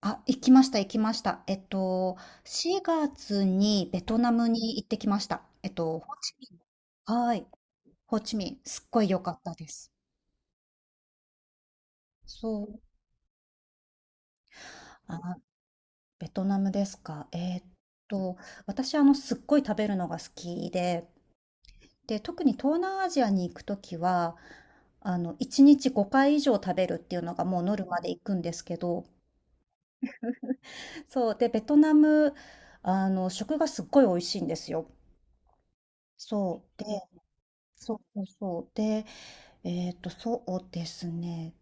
あ、行きました行きました。4月にベトナムに行ってきました。ホーチミン。はい。ホーチミン。すっごい良かったです。そう。あ、ベトナムですか。と、私、すっごい食べるのが好きで、で、特に東南アジアに行くときは、1日5回以上食べるっていうのがもうノルマで行くんですけど、そう。で、ベトナム、食がすっごい美味しいんですよ。そう。そうそうそう。で、そうですね。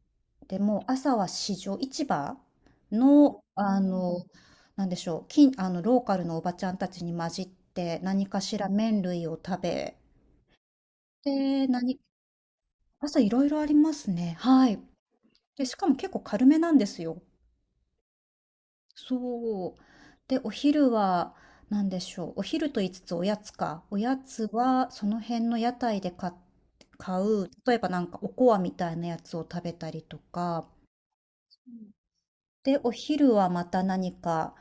でもう朝は市場の、なんでしょう、近あの、ローカルのおばちゃんたちに混じって何かしら麺類を食べ、で、何、朝いろいろありますね。はい。で、しかも結構軽めなんですよ。そう。で、お昼は何でしょう。お昼と言いつつおやつか。おやつはその辺の屋台で買う、例えばなんかおこわみたいなやつを食べたりとか。で、お昼はまた何か、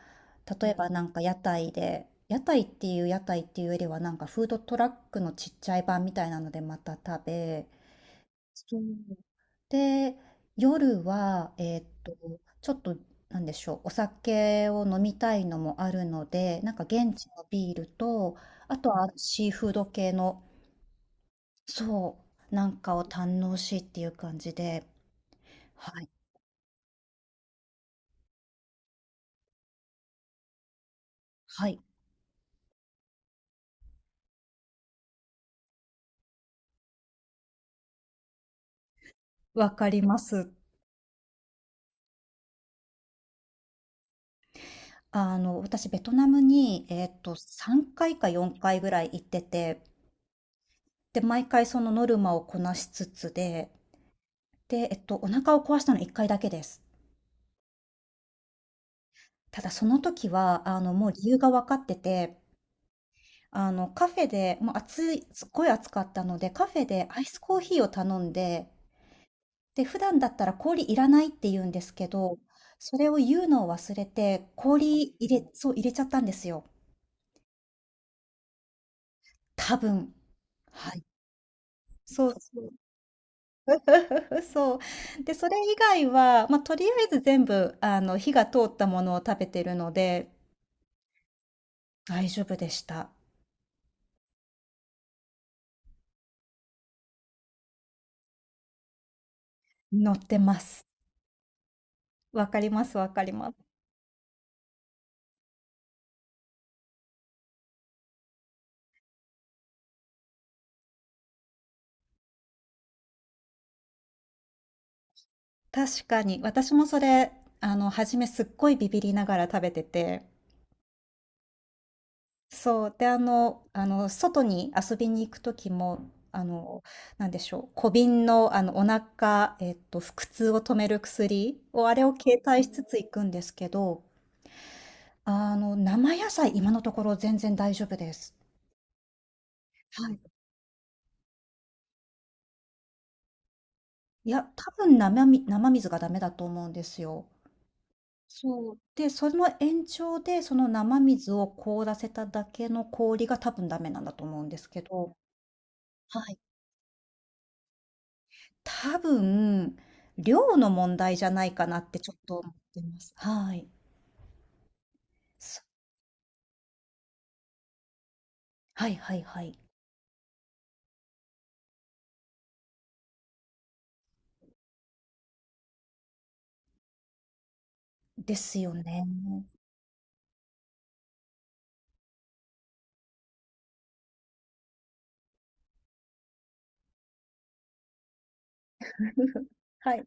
例えばなんか屋台で、屋台っていうよりはなんかフードトラックのちっちゃい版みたいなのでまた食べ、そうで、夜は、ちょっと、なんでしょう、お酒を飲みたいのもあるので、なんか現地のビールと、あとはシーフード系の、そう、なんかを堪能しっていう感じで、はい、はい、わかります。私、ベトナムに、3回か4回ぐらい行ってて、で、毎回そのノルマをこなしつつで、お腹を壊したの1回だけです。ただその時は、もう理由が分かってて、カフェで、もう暑い、すっごい暑かったので、カフェでアイスコーヒーを頼んで、で、普段だったら氷いらないって言うんですけど、それを言うのを忘れて、氷入れ、そう、入れちゃったんですよ。多分。はい。そうそう。そう。で、それ以外は、まあ、とりあえず全部、火が通ったものを食べてるので、大丈夫でした。乗ってます。わかります、わかります。確かに。私もそれ、初めすっごいビビりながら食べてて。そう。で、外に遊びに行く時も、なんでしょう、小瓶の、腹痛を止める薬を、あれを携帯しつつ行くんですけど、生野菜、今のところ全然大丈夫です。はい。いや、多分生水がダメだと思うんですよ。そう。で、その延長で、その生水を凍らせただけの氷が多分ダメなんだと思うんですけど、はい。多分、量の問題じゃないかなってちょっと思ってます。はい。すはいはいはい。ですよね。はい。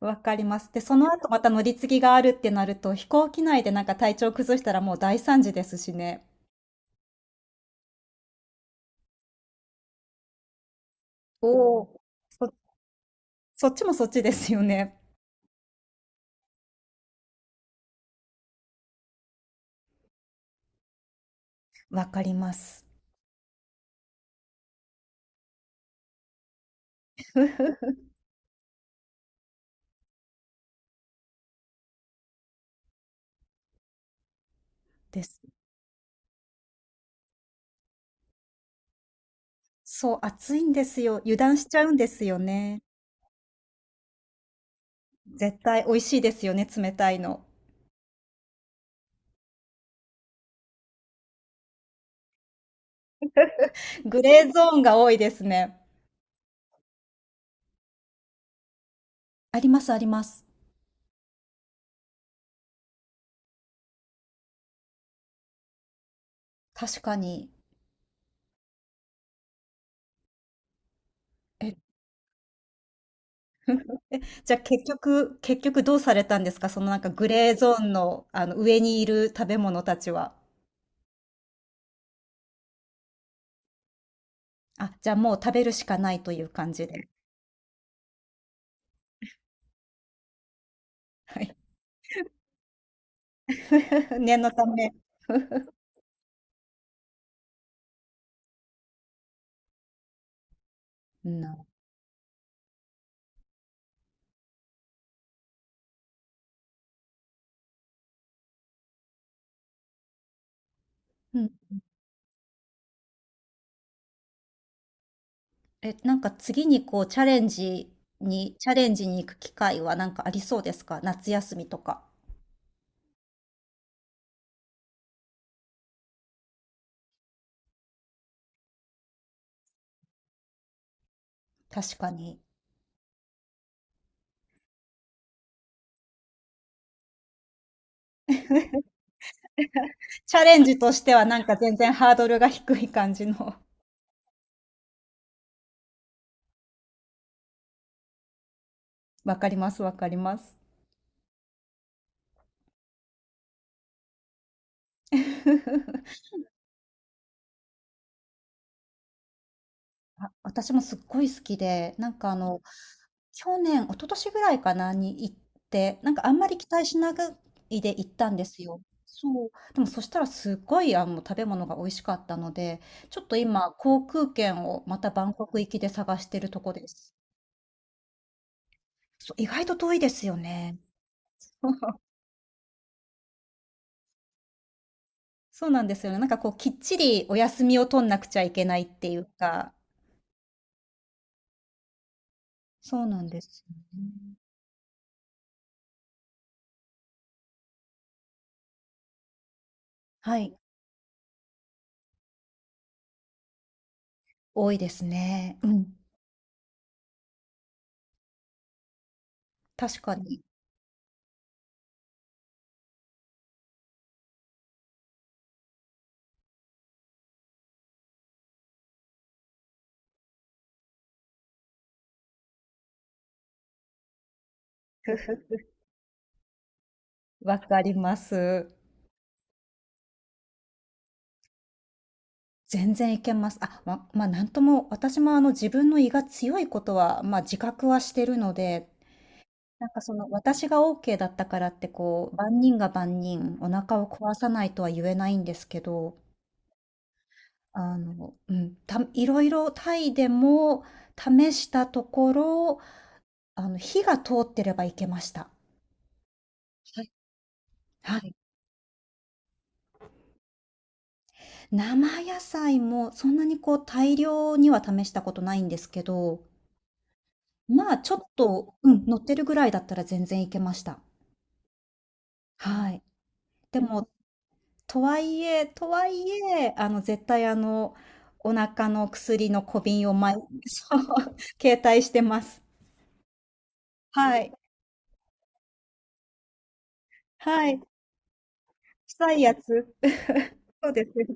わかります。で、その後また乗り継ぎがあるってなると、飛行機内でなんか体調崩したらもう大惨事ですしね。おお。そ、そっちもそっちですよね。わかります。です。そう、暑いんですよ。油断しちゃうんですよね。絶対美味しいですよね、冷たいの。グレーゾーンが多いですね。ありますあります。確かに。え、じゃあ結局どうされたんですか、そのなんかグレーゾーンの、あの上にいる食べ物たちは。あ、じゃあもう食べるしかないという感じで。はい。念のため。うん。うん。え、なんか次にこうチャレンジに行く機会はなんかありそうですか、夏休みとか？確かに。チャレンジとしてはなんか全然ハードルが低い感じの。わかります、わかります。あ、私もすっごい好きで、なんか去年、一昨年ぐらいかなに行って、なんかあんまり期待しないで行ったんですよ。そう。でもそしたらすごい食べ物が美味しかったので、ちょっと今航空券をまたバンコク行きで探してるとこです。そう、意外と遠いですよね。そうなんですよね。なんかこうきっちりお休みを取んなくちゃいけないっていうか、そうなんですよね。はい、多いですね。うん、確かに。ふふ わかります。全然いけます。あ、なんとも、私もあの自分の胃が強いことは、まあ、自覚はしてるので、なんかその私がオーケーだったからってこう、万人が万人お腹を壊さないとは言えないんですけど、うん、たいろ々タイでも試したところ、火が通ってればいけました。はい、はい。生野菜もそんなにこう大量には試したことないんですけど、まあ、ちょっとうん、乗ってるぐらいだったら全然いけました。はい。でも、とはいえ、絶対お腹の薬の小瓶をそう、携帯してます。はい。はい。臭いやつ。そうですよね。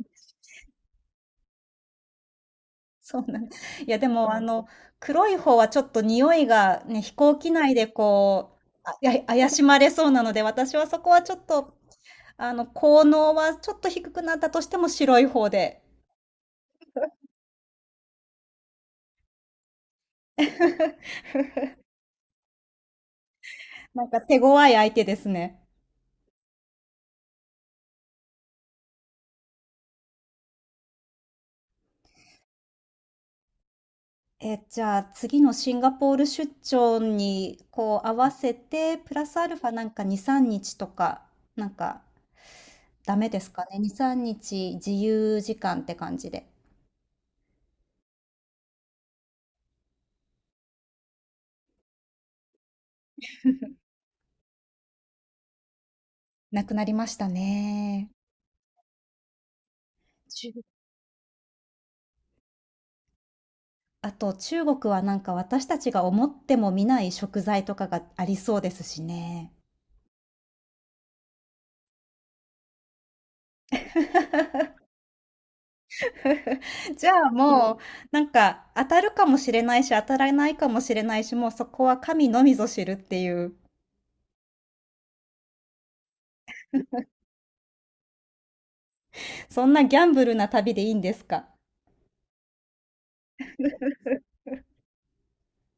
そうなんいや、でも、黒い方はちょっと匂いがね、飛行機内でや怪しまれそうなので、私はそこはちょっと、効能はちょっと低くなったとしても白い方で、なんか手強い相手ですね。え、じゃあ次のシンガポール出張にこう合わせて、プラスアルファなんか2、3日とか、なんかダメですかね。2、3日自由時間って感じで。なくなりましたね。あと中国はなんか私たちが思っても見ない食材とかがありそうですしね。じゃあもうなんか当たるかもしれないし当たらないかもしれないし、もうそこは神のみぞ知るっていう、そんなギャンブルな旅でいいんですか？